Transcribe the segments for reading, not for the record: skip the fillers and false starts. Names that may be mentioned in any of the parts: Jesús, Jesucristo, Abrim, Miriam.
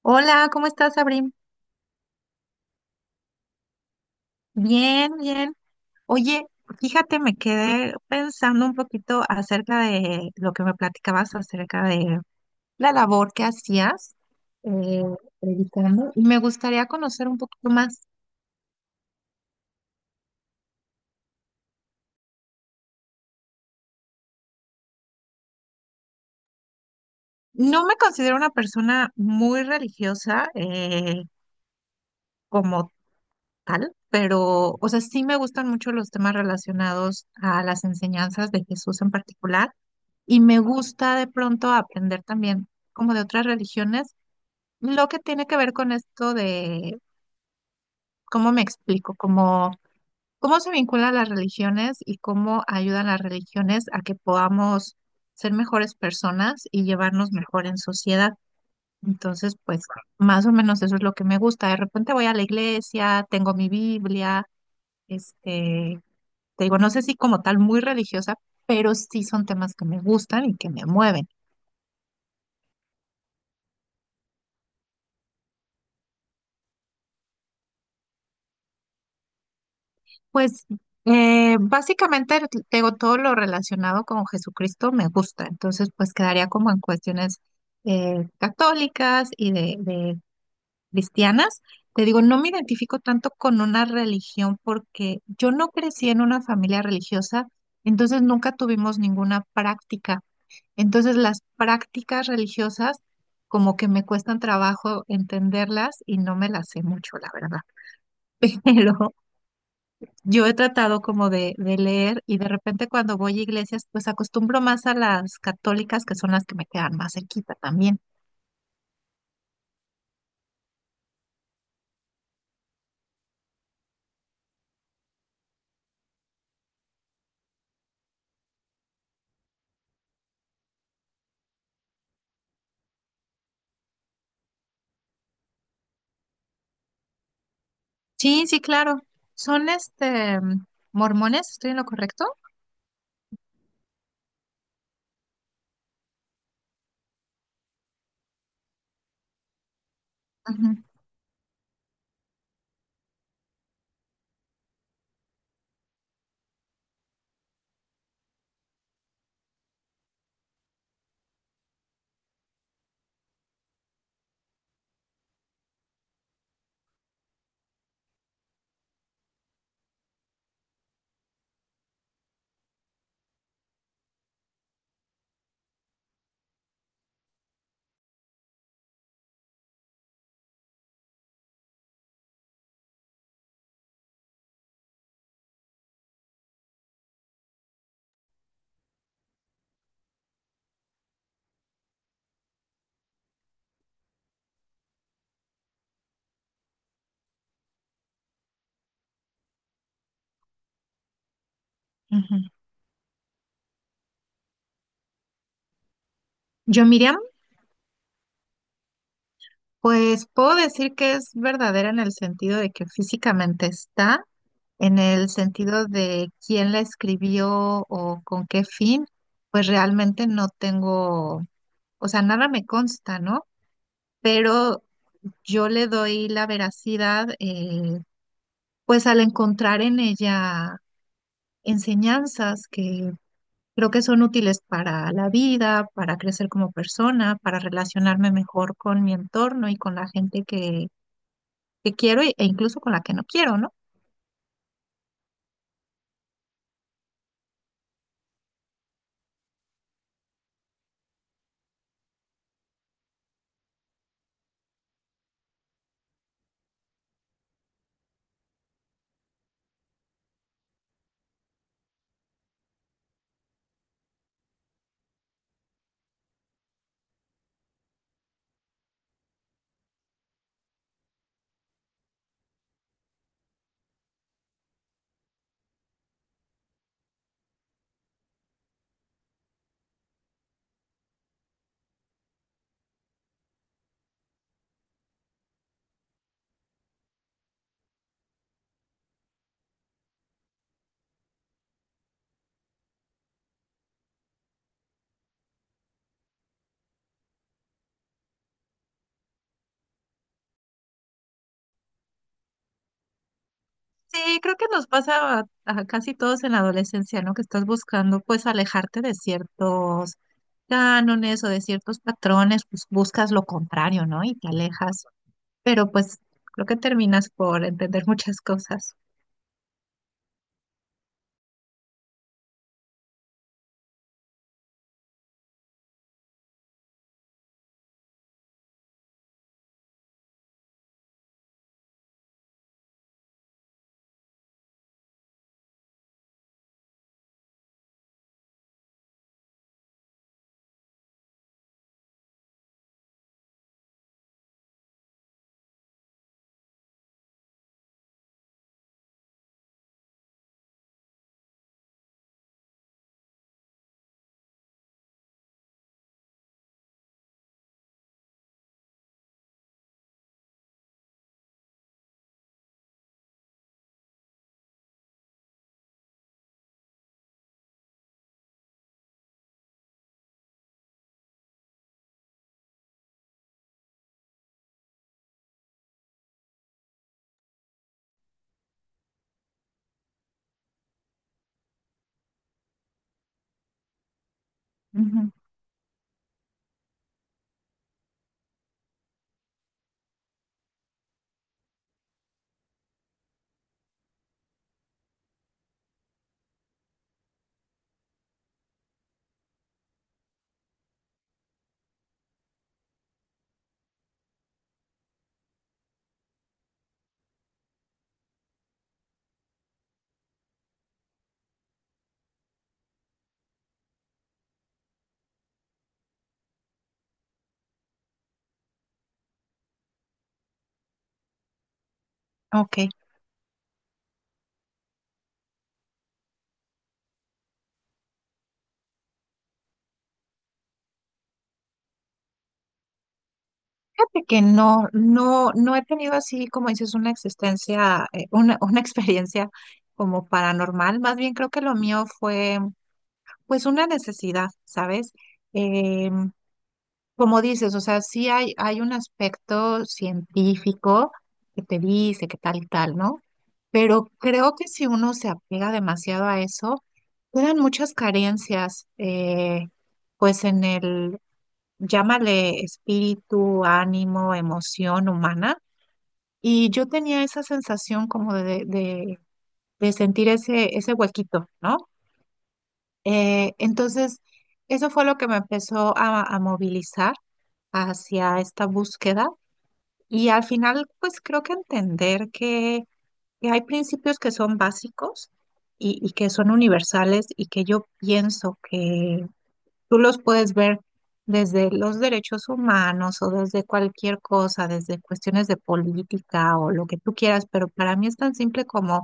Hola, ¿cómo estás, Abrim? Bien, bien. Oye, fíjate, me quedé pensando un poquito acerca de lo que me platicabas acerca de la labor que hacías eh, predicando y me gustaría conocer un poquito más. No me considero una persona muy religiosa como tal, pero, o sea, sí me gustan mucho los temas relacionados a las enseñanzas de Jesús en particular y me gusta de pronto aprender también como de otras religiones. Lo que tiene que ver con esto de cómo me explico, cómo se vinculan las religiones y cómo ayudan las religiones a que podamos ser mejores personas y llevarnos mejor en sociedad. Entonces, pues más o menos eso es lo que me gusta. De repente voy a la iglesia, tengo mi Biblia, este, te digo, no sé si como tal muy religiosa, pero sí son temas que me gustan y que me mueven. Pues básicamente tengo todo lo relacionado con Jesucristo me gusta, entonces pues quedaría como en cuestiones católicas y de cristianas. Te digo, no me identifico tanto con una religión porque yo no crecí en una familia religiosa, entonces nunca tuvimos ninguna práctica. Entonces las prácticas religiosas como que me cuestan trabajo entenderlas y no me las sé mucho, la verdad. Pero yo he tratado como de leer y de repente cuando voy a iglesias, pues acostumbro más a las católicas, que son las que me quedan más cerquita también. Sí, sí, claro. Son este mormones, ¿estoy en lo correcto? Ujú, ujú. Yo, Miriam, pues puedo decir que es verdadera en el sentido de que físicamente está, en el sentido de quién la escribió o con qué fin, pues realmente no tengo, o sea, nada me consta, ¿no? Pero yo le doy la veracidad, pues al encontrar en ella enseñanzas que creo que son útiles para la vida, para crecer como persona, para relacionarme mejor con mi entorno y con la gente que quiero e incluso con la que no quiero, ¿no? Sí, creo que nos pasa a casi todos en la adolescencia, ¿no? Que estás buscando pues alejarte de ciertos cánones o de ciertos patrones, pues buscas lo contrario, ¿no? Y te alejas, pero pues creo que terminas por entender muchas cosas. Ujú. Ok, fíjate que no, no, no he tenido así, como dices, una existencia, una, una experiencia como paranormal. Más bien creo que lo mío fue, pues, una necesidad, ¿sabes? Em, Como dices, o sea, sí hay un aspecto científico que te dice que tal y tal, ¿no? Pero creo que si uno se apega demasiado a eso, quedan muchas carencias, pues en el, llámale espíritu, ánimo, emoción humana. Y yo tenía esa sensación como de sentir ese, ese huequito, ¿no? Entonces, eso fue lo que me empezó a movilizar hacia esta búsqueda. Y al final, pues creo que entender que hay principios que son básicos y que son universales y que yo pienso que tú los puedes ver desde los derechos humanos o desde cualquier cosa, desde cuestiones de política o lo que tú quieras, pero para mí es tan simple como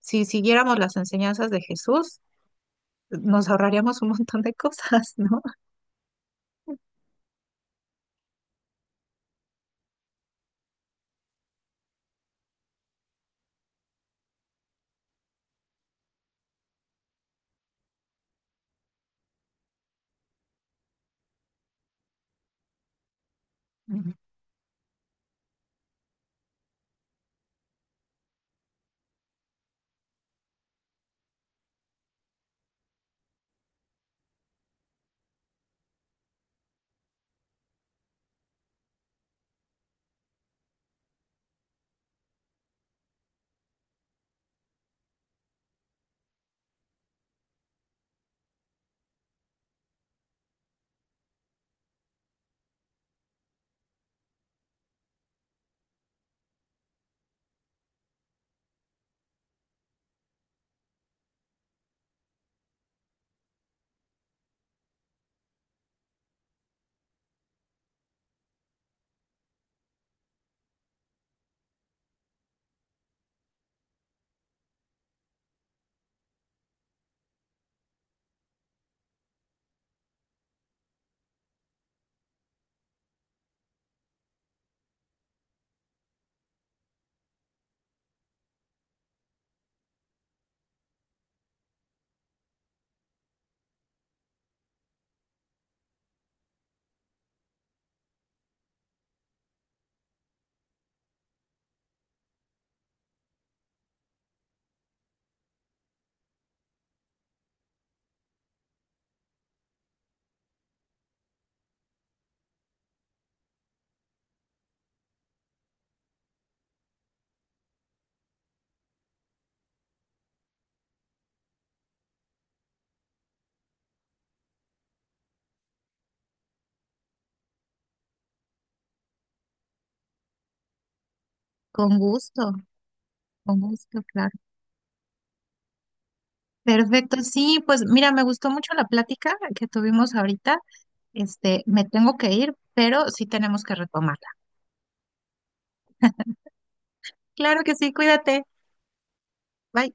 si siguiéramos las enseñanzas de Jesús, nos ahorraríamos un montón de cosas, ¿no? Ujú. Con gusto, con gusto, claro. Perfecto, sí, pues mira, me gustó mucho la plática que tuvimos ahorita. Este, me tengo que ir, pero sí tenemos que retomarla. Claro que sí, cuídate. Bye.